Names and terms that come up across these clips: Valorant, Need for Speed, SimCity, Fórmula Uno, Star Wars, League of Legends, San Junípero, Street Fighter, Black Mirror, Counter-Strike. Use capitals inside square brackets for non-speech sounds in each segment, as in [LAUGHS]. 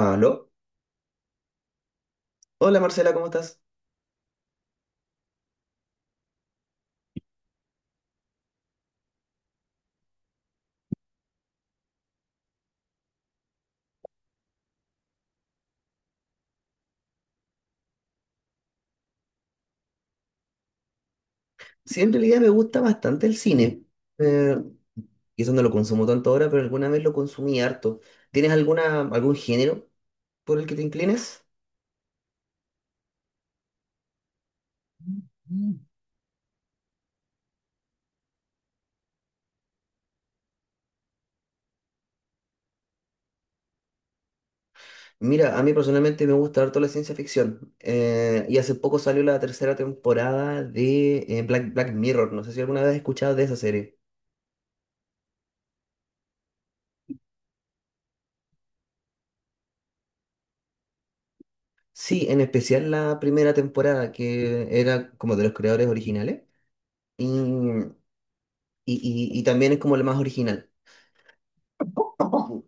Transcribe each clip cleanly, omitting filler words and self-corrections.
Aló, hola Marcela, ¿cómo estás? Sí, en realidad me gusta bastante el cine. Eh, quizás no lo consumo tanto ahora, pero alguna vez lo consumí harto. ¿Tienes alguna, algún género por el que te inclines? Mira, a mí personalmente me gusta harto la ciencia ficción. Y hace poco salió la tercera temporada de Black Mirror. No sé si alguna vez has escuchado de esa serie. Sí, en especial la primera temporada, que era como de los creadores originales. Y, y, y también es como la más original. [LAUGHS]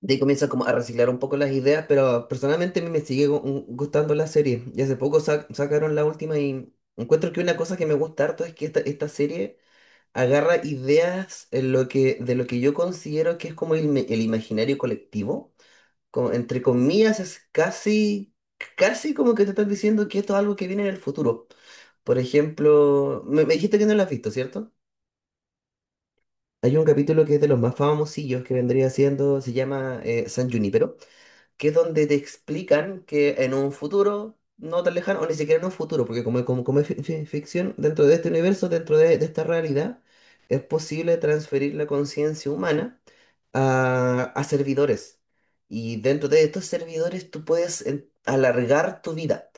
De ahí comienzan como a reciclar un poco las ideas, pero personalmente a mí me sigue gustando la serie. Y hace poco sacaron la última y encuentro que una cosa que me gusta harto es que esta serie agarra ideas en lo que, de lo que yo considero que es como el imaginario colectivo. Como, entre comillas, es casi, casi como que te están diciendo que esto es algo que viene en el futuro. Por ejemplo, me dijiste que no la has visto, ¿cierto? Hay un capítulo que es de los más famosillos que vendría siendo, se llama San Junípero, que es donde te explican que en un futuro no tan lejano, o ni siquiera en un futuro, porque como es ficción, dentro de este universo, dentro de esta realidad, es posible transferir la conciencia humana a servidores. Y dentro de estos servidores tú puedes alargar tu vida.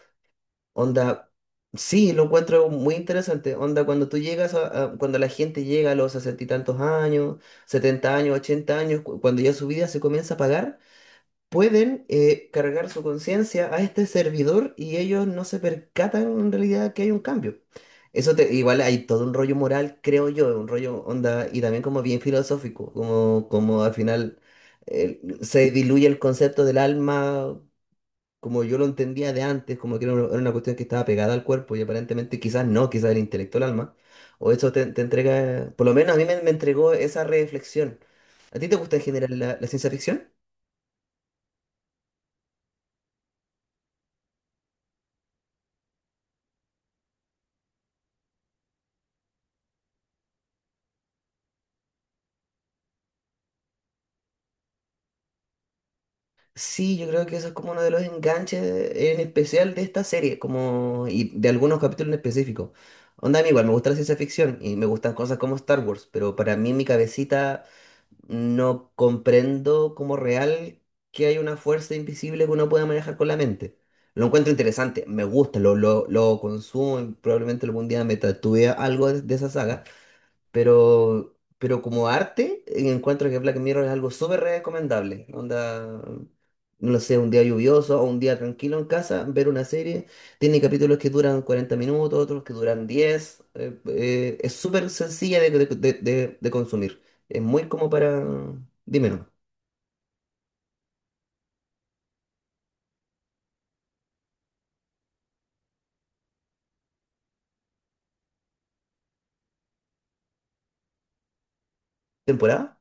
Onda, sí, lo encuentro muy interesante. Onda, cuando la gente llega a los sesenta y tantos años, 70 años, 80 años, cuando ya su vida se comienza a pagar, pueden cargar su conciencia a este servidor y ellos no se percatan en realidad que hay un cambio. Igual hay todo un rollo moral, creo yo, un rollo onda y también como bien filosófico, como, como al final se diluye el concepto del alma como yo lo entendía de antes, como que era una cuestión que estaba pegada al cuerpo y aparentemente quizás no, quizás el intelecto al alma, o eso te entrega, por lo menos a mí me entregó esa reflexión. ¿A ti te gusta en general la ciencia ficción? Sí, yo creo que eso es como uno de los enganches, en especial de esta serie, como y de algunos capítulos en específico. Onda, a mí igual me gusta la ciencia ficción y me gustan cosas como Star Wars, pero para mí en mi cabecita no comprendo como real que hay una fuerza invisible que uno pueda manejar con la mente. Lo encuentro interesante, me gusta, lo consumo y probablemente algún día me tatúe algo de esa saga. Pero como arte, encuentro que Black Mirror es algo súper recomendable. Onda, no sé, un día lluvioso o un día tranquilo en casa, ver una serie. Tiene capítulos que duran 40 minutos, otros que duran 10. Es súper sencilla de consumir. Es muy como para. Dime, ¿no? ¿Temporada?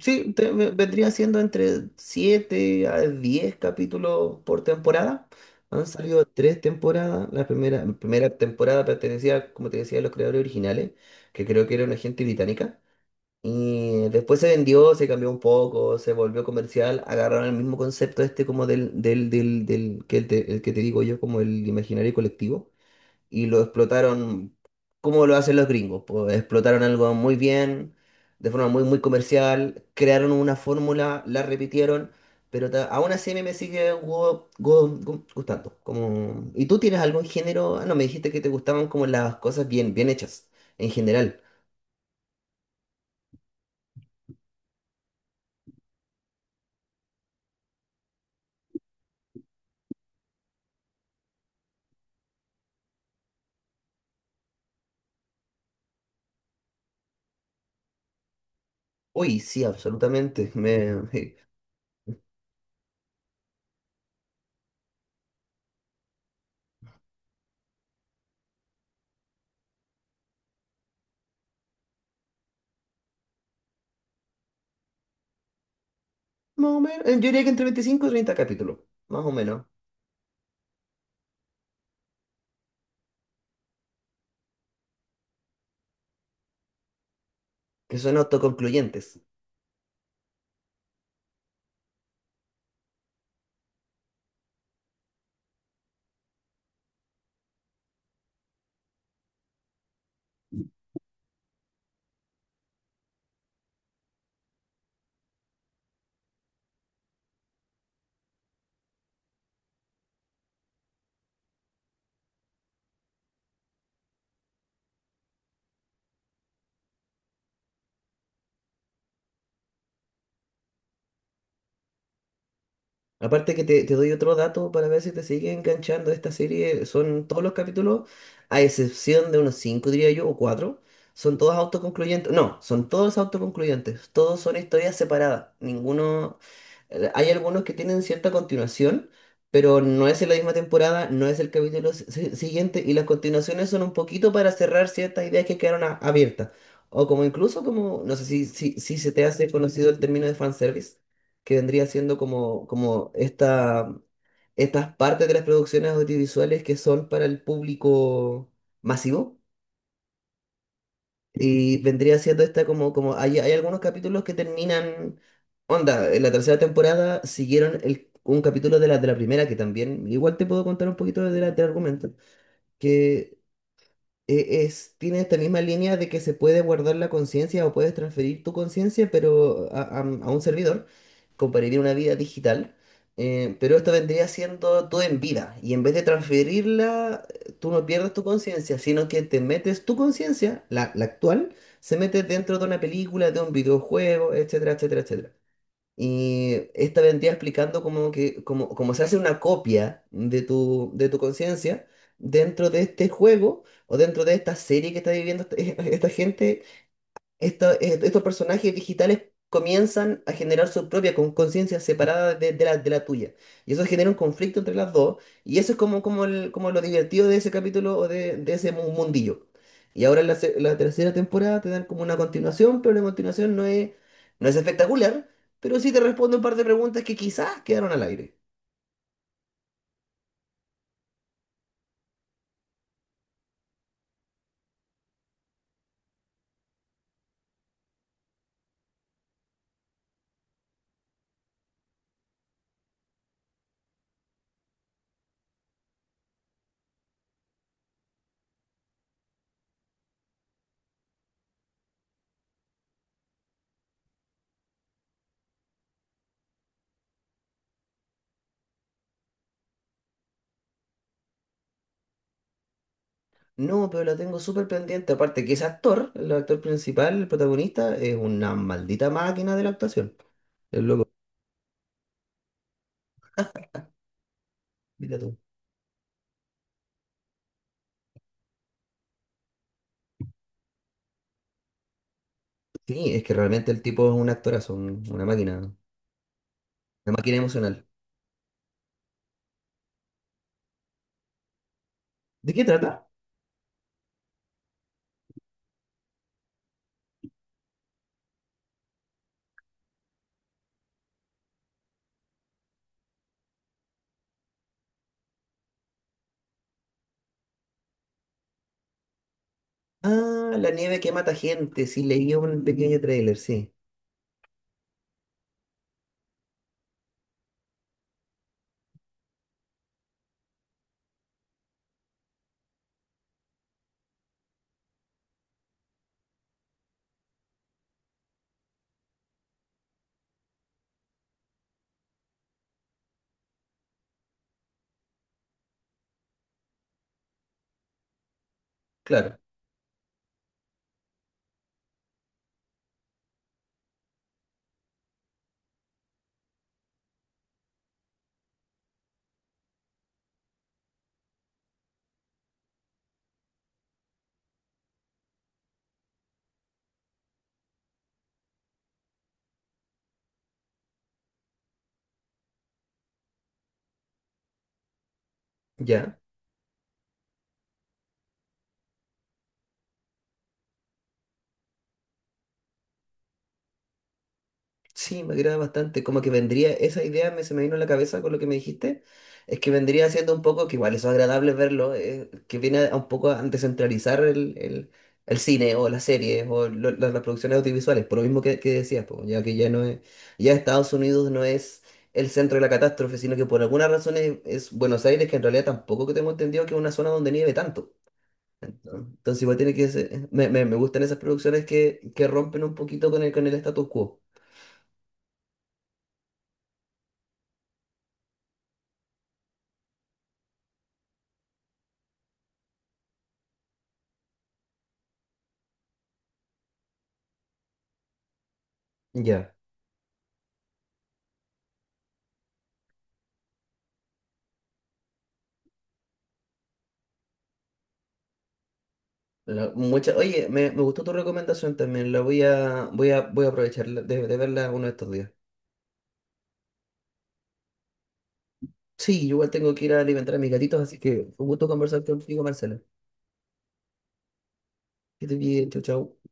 Sí, vendría siendo entre 7 a 10 capítulos por temporada. Han salido tres temporadas. La primera temporada pertenecía, como te decía, a los creadores originales, que creo que era una gente británica. Y después se vendió, se cambió un poco, se volvió comercial. Agarraron el mismo concepto este como del, del, del, del que, el te- el que te digo yo, como el imaginario colectivo, y lo explotaron como lo hacen los gringos. Pues explotaron algo muy bien, de forma muy, muy comercial, crearon una fórmula, la repitieron, pero aún así a mí me sigue gustando. Como. ¿Y tú tienes algún género? Ah, no, me dijiste que te gustaban como las cosas bien, bien hechas, en general. Uy, sí, absolutamente. Me. [LAUGHS] Más o menos, yo diría que entre 25 y 30 capítulos, más o menos, que son autoconcluyentes. Aparte que te doy otro dato para ver si te sigue enganchando esta serie. Son todos los capítulos, a excepción de unos cinco, diría yo, o cuatro, son todos autoconcluyentes. No, son todos autoconcluyentes. Todos son historias separadas. Ninguno. Hay algunos que tienen cierta continuación, pero no es en la misma temporada, no es el capítulo siguiente, y las continuaciones son un poquito para cerrar ciertas ideas que quedaron abiertas. O como incluso como, no sé si se te hace conocido el término de fanservice, que vendría siendo como, estas partes de las producciones audiovisuales que son para el público masivo. Y vendría siendo esta como, hay algunos capítulos que terminan, onda, en la tercera temporada siguieron un capítulo de la primera, que también, igual te puedo contar un poquito del argumento, que es, tiene esta misma línea de que se puede guardar la conciencia o puedes transferir tu conciencia, pero a un servidor, compararía una vida digital. Pero esto vendría siendo tú en vida, y en vez de transferirla, tú no pierdes tu conciencia, sino que te metes tu conciencia, la actual, se mete dentro de una película, de un videojuego, etcétera, etcétera, etcétera. Y esta vendría explicando cómo, cómo se hace una copia de tu conciencia dentro de este juego o dentro de esta serie que está viviendo esta, [LAUGHS] esta gente. Estos personajes digitales comienzan a generar su propia conciencia separada de la tuya. Y eso genera un conflicto entre las dos. Y eso es como lo divertido de ese capítulo o de ese mundillo. Y ahora en la tercera temporada te dan como una continuación, pero la continuación no es espectacular, pero sí te responde un par de preguntas que quizás quedaron al aire. No, pero la tengo súper pendiente. Aparte que ese actor, el actor principal, el protagonista, es una maldita máquina de la actuación. El loco. Sí, es que realmente el tipo es un actorazo, una máquina emocional. ¿De qué trata? Ah, la nieve que mata gente, sí, leí un pequeño tráiler, sí. Claro, ya. Sí, me agrada bastante. Como que vendría, esa idea se me vino a la cabeza con lo que me dijiste. Es que vendría siendo un poco, que igual eso es agradable verlo, que viene a un poco a descentralizar el cine o las series o las producciones audiovisuales, por lo mismo que decías, po, ya que ya Estados Unidos no es el centro de la catástrofe, sino que por alguna razón es Buenos Aires, que en realidad tampoco que tengo entendido que es una zona donde nieve tanto. Entonces igual tiene que ser, me gustan esas producciones que rompen un poquito con con el status quo. Ya. Oye, me gustó tu recomendación también. La voy a aprovechar de verla uno de estos días. Sí, yo igual tengo que ir a alimentar a mis gatitos, así que un gusto conversar contigo, Marcela. Que estés bien, chau, chau.